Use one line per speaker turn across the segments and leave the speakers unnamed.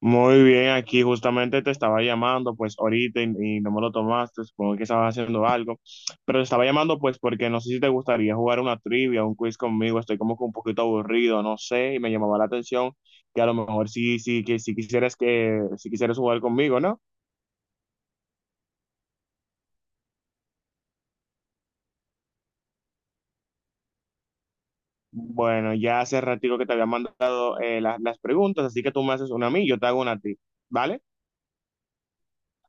Muy bien, aquí justamente te estaba llamando pues ahorita y no me lo tomaste, supongo que estabas haciendo algo, pero te estaba llamando pues porque no sé si te gustaría jugar una trivia, un quiz conmigo, estoy como que un poquito aburrido, no sé, y me llamaba la atención que a lo mejor sí, sí, que si quisieras jugar conmigo, ¿no? Bueno, ya hace ratito que te había mandado las preguntas, así que tú me haces una a mí, yo te hago una a ti, ¿vale?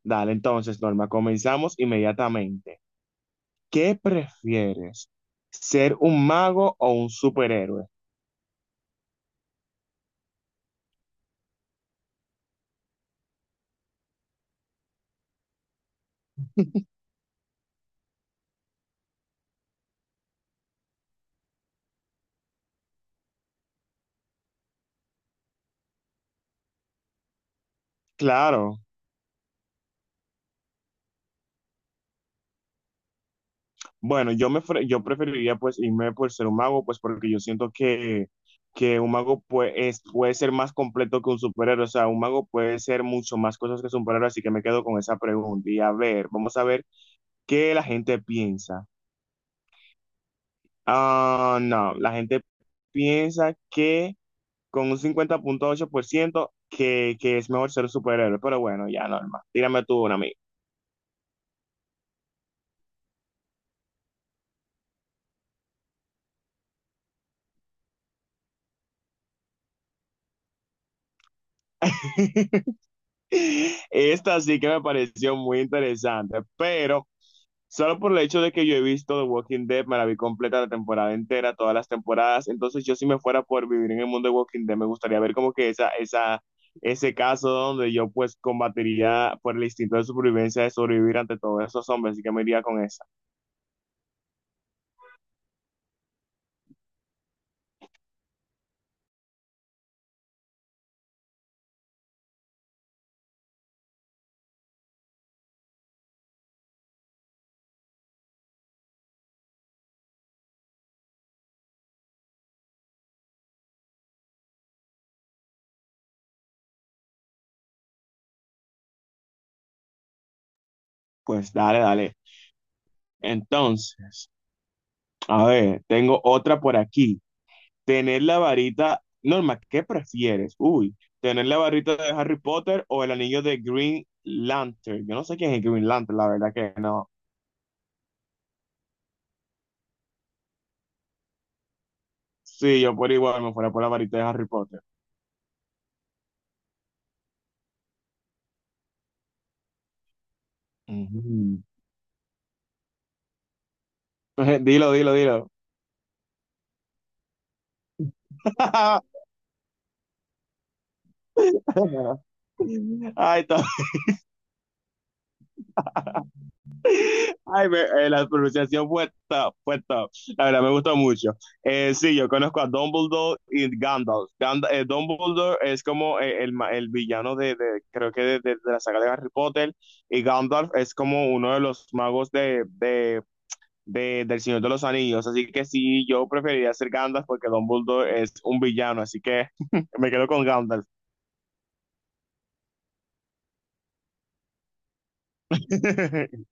Dale, entonces, Norma, comenzamos inmediatamente. ¿Qué prefieres? ¿Ser un mago o un superhéroe? Claro. Bueno, yo preferiría pues irme por ser un mago, pues porque yo siento que un mago puede ser más completo que un superhéroe. O sea, un mago puede ser mucho más cosas que un superhéroe, así que me quedo con esa pregunta. Y a ver, vamos a ver qué la gente piensa. Ah, no, la gente piensa que con un 50,8% que es mejor ser un superhéroe. Pero bueno, ya normal. Tírame tú una, amiga. Esta sí que me pareció muy interesante, pero solo por el hecho de que yo he visto The Walking Dead, me la vi completa la temporada entera, todas las temporadas, entonces yo si me fuera por vivir en el mundo de Walking Dead, me gustaría ver como que ese caso donde yo pues combatiría por el instinto de supervivencia de sobrevivir ante todos esos hombres, así que me iría con esa. Pues dale, dale. Entonces, a ver, tengo otra por aquí. Tener la varita, Norma, ¿qué prefieres? Uy, tener la varita de Harry Potter o el anillo de Green Lantern. Yo no sé quién es el Green Lantern, la verdad que no. Sí, yo por igual me fuera por la varita de Harry Potter. Ujú. Dilo, dilo, dilo. Ay, está. La pronunciación fue top, fue top. La verdad, me gustó mucho. Sí, yo conozco a Dumbledore y Gandalf. Dumbledore es como el villano creo que de la saga de Harry Potter, y Gandalf es como uno de los magos del Señor de los Anillos. Así que sí, yo preferiría ser Gandalf porque Dumbledore es un villano, así que me quedo con Gandalf.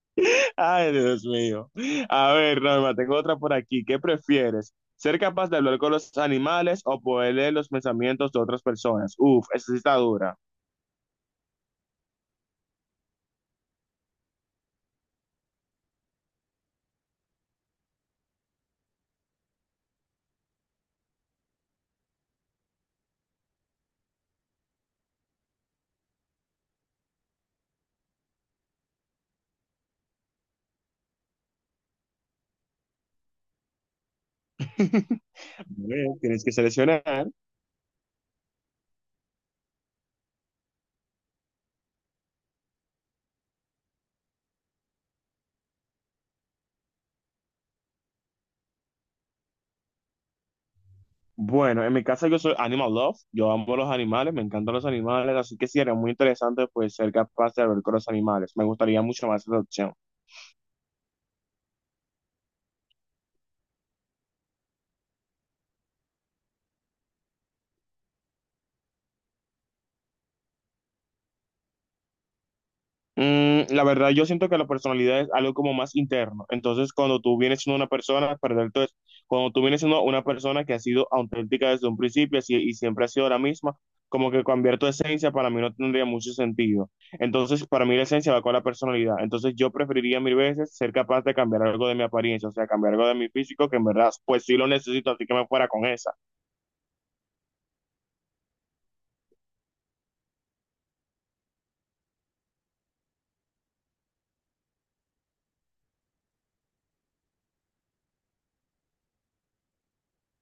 Ay, Dios mío. A ver, Norma, tengo otra por aquí. ¿Qué prefieres? ¿Ser capaz de hablar con los animales o poder leer los pensamientos de otras personas? Uf, esa sí está dura. Bueno, tienes que seleccionar. Bueno, en mi caso yo soy animal love, yo amo los animales, me encantan los animales, así que sí, era muy interesante pues ser capaz de hablar con los animales. Me gustaría mucho más esa opción. Mm, la verdad, yo siento que la personalidad es algo como más interno. Entonces, cuando tú vienes siendo una persona, perdón, entonces, cuando tú vienes siendo una persona que ha sido auténtica desde un principio y siempre ha sido la misma, como que cambiar tu esencia para mí no tendría mucho sentido. Entonces, para mí la esencia va con la personalidad. Entonces, yo preferiría mil veces ser capaz de cambiar algo de mi apariencia, o sea, cambiar algo de mi físico, que en verdad, pues sí lo necesito, así que me fuera con esa.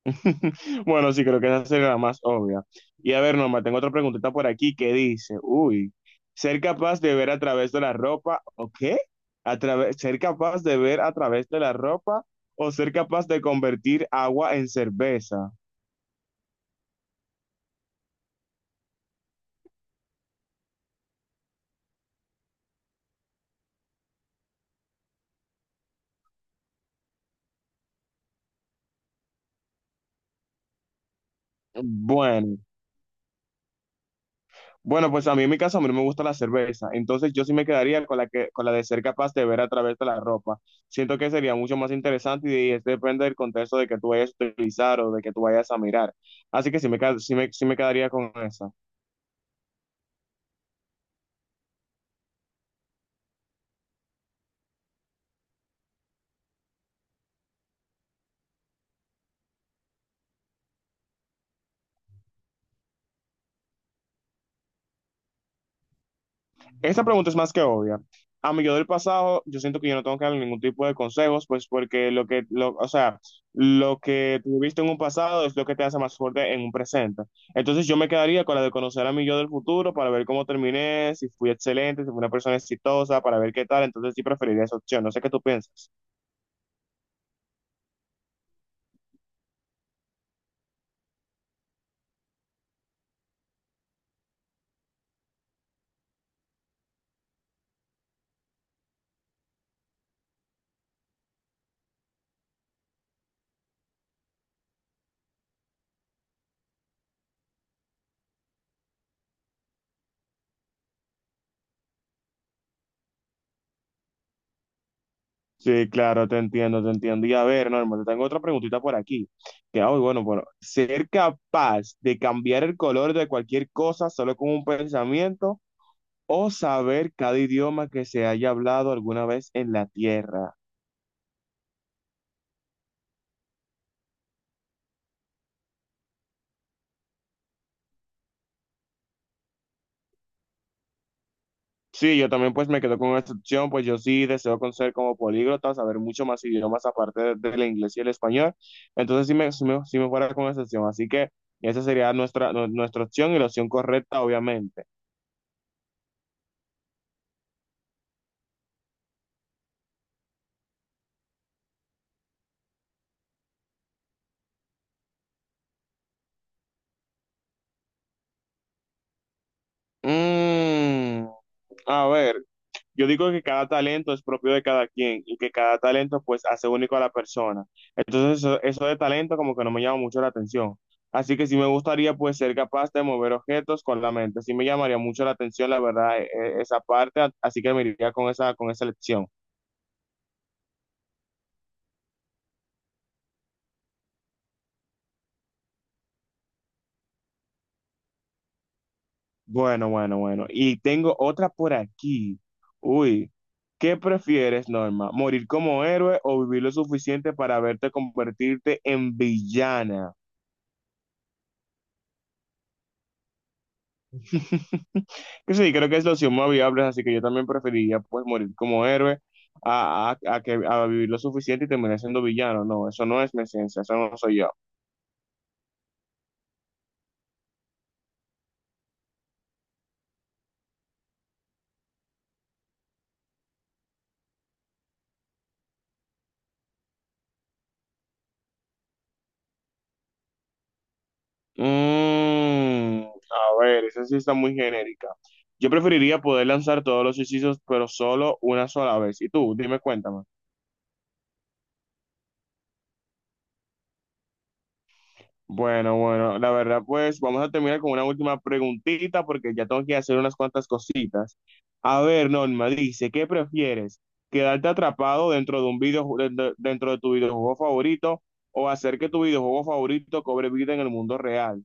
Bueno, sí, creo que esa será la más obvia. Y a ver, Norma, tengo otra preguntita por aquí que dice, uy, ser capaz de ver a través de la ropa, ¿o qué? A través, ser capaz de ver a través de la ropa o ser capaz de convertir agua en cerveza. Bueno. Bueno, pues a mí en mi caso, a mí no me gusta la cerveza, entonces yo sí me quedaría con con la de ser capaz de ver a través de la ropa. Siento que sería mucho más interesante y depende del contexto de que tú vayas a utilizar o de que tú vayas a mirar. Así que sí me, ca- sí me quedaría con esa. Esta pregunta es más que obvia. A mi yo del pasado, yo siento que yo no tengo que darle ningún tipo de consejos, pues porque o sea, lo que tuviste en un pasado es lo que te hace más fuerte en un presente. Entonces yo me quedaría con la de conocer a mi yo del futuro para ver cómo terminé, si fui excelente, si fui una persona exitosa, para ver qué tal. Entonces sí preferiría esa opción. No sé qué tú piensas. Sí, claro, te entiendo, te entiendo. Y a ver, Norma, te tengo otra preguntita por aquí. Que, ay, bueno, bueno, ser capaz de cambiar el color de cualquier cosa solo con un pensamiento o saber cada idioma que se haya hablado alguna vez en la tierra. Sí, yo también pues me quedo con esta opción, pues yo sí deseo conocer como políglota, saber mucho más idiomas aparte del inglés y el español, entonces sí me fuera con esa opción, así que esa sería nuestra opción y la opción correcta, obviamente. Mm, a ver. Yo digo que cada talento es propio de cada quien y que cada talento pues hace único a la persona. Entonces eso de talento como que no me llama mucho la atención. Así que sí me gustaría pues ser capaz de mover objetos con la mente. Sí me llamaría mucho la atención, la verdad, esa parte. Así que me iría con esa elección. Bueno, bueno, bueno. Y tengo otra por aquí. Uy, ¿qué prefieres, Norma? ¿Morir como héroe o vivir lo suficiente para verte convertirte en villana? Que sí, creo que es la opción más viable, así que yo también preferiría pues morir como héroe a vivir lo suficiente y terminar siendo villano. No, eso no es mi esencia, eso no soy yo. Mm, a ver, esa sí está muy genérica. Yo preferiría poder lanzar todos los hechizos, pero solo una sola vez. Y tú, dime, cuéntame. Bueno, bueno, la verdad, pues vamos a terminar con una última preguntita porque ya tengo que hacer unas cuantas cositas. A ver, Norma, dice, ¿qué prefieres? ¿Quedarte atrapado dentro de un dentro de tu videojuego favorito o hacer que tu videojuego favorito cobre vida en el mundo real?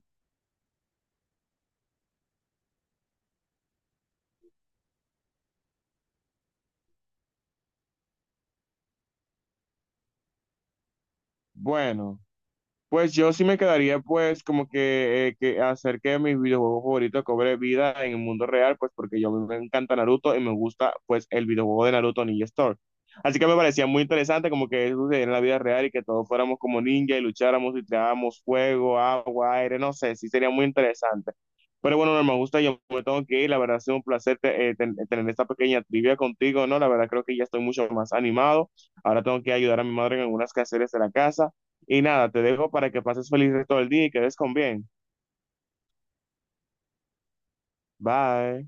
Bueno. Pues yo sí me quedaría pues como que hacer que mis videojuegos favoritos cobre vida en el mundo real, pues porque yo me encanta Naruto y me gusta pues el videojuego de Naruto Ninja Storm. Así que me parecía muy interesante como que eso sucediera en la vida real y que todos fuéramos como ninja y lucháramos y tirábamos fuego, agua, aire, no sé, sí sería muy interesante. Pero bueno, Norma, gusta, yo me tengo que ir, la verdad ha sido un placer tener esta pequeña trivia contigo, ¿no? La verdad creo que ya estoy mucho más animado. Ahora tengo que ayudar a mi madre en algunas quehaceres de la casa. Y nada, te dejo para que pases feliz todo el día y que des con bien. Bye.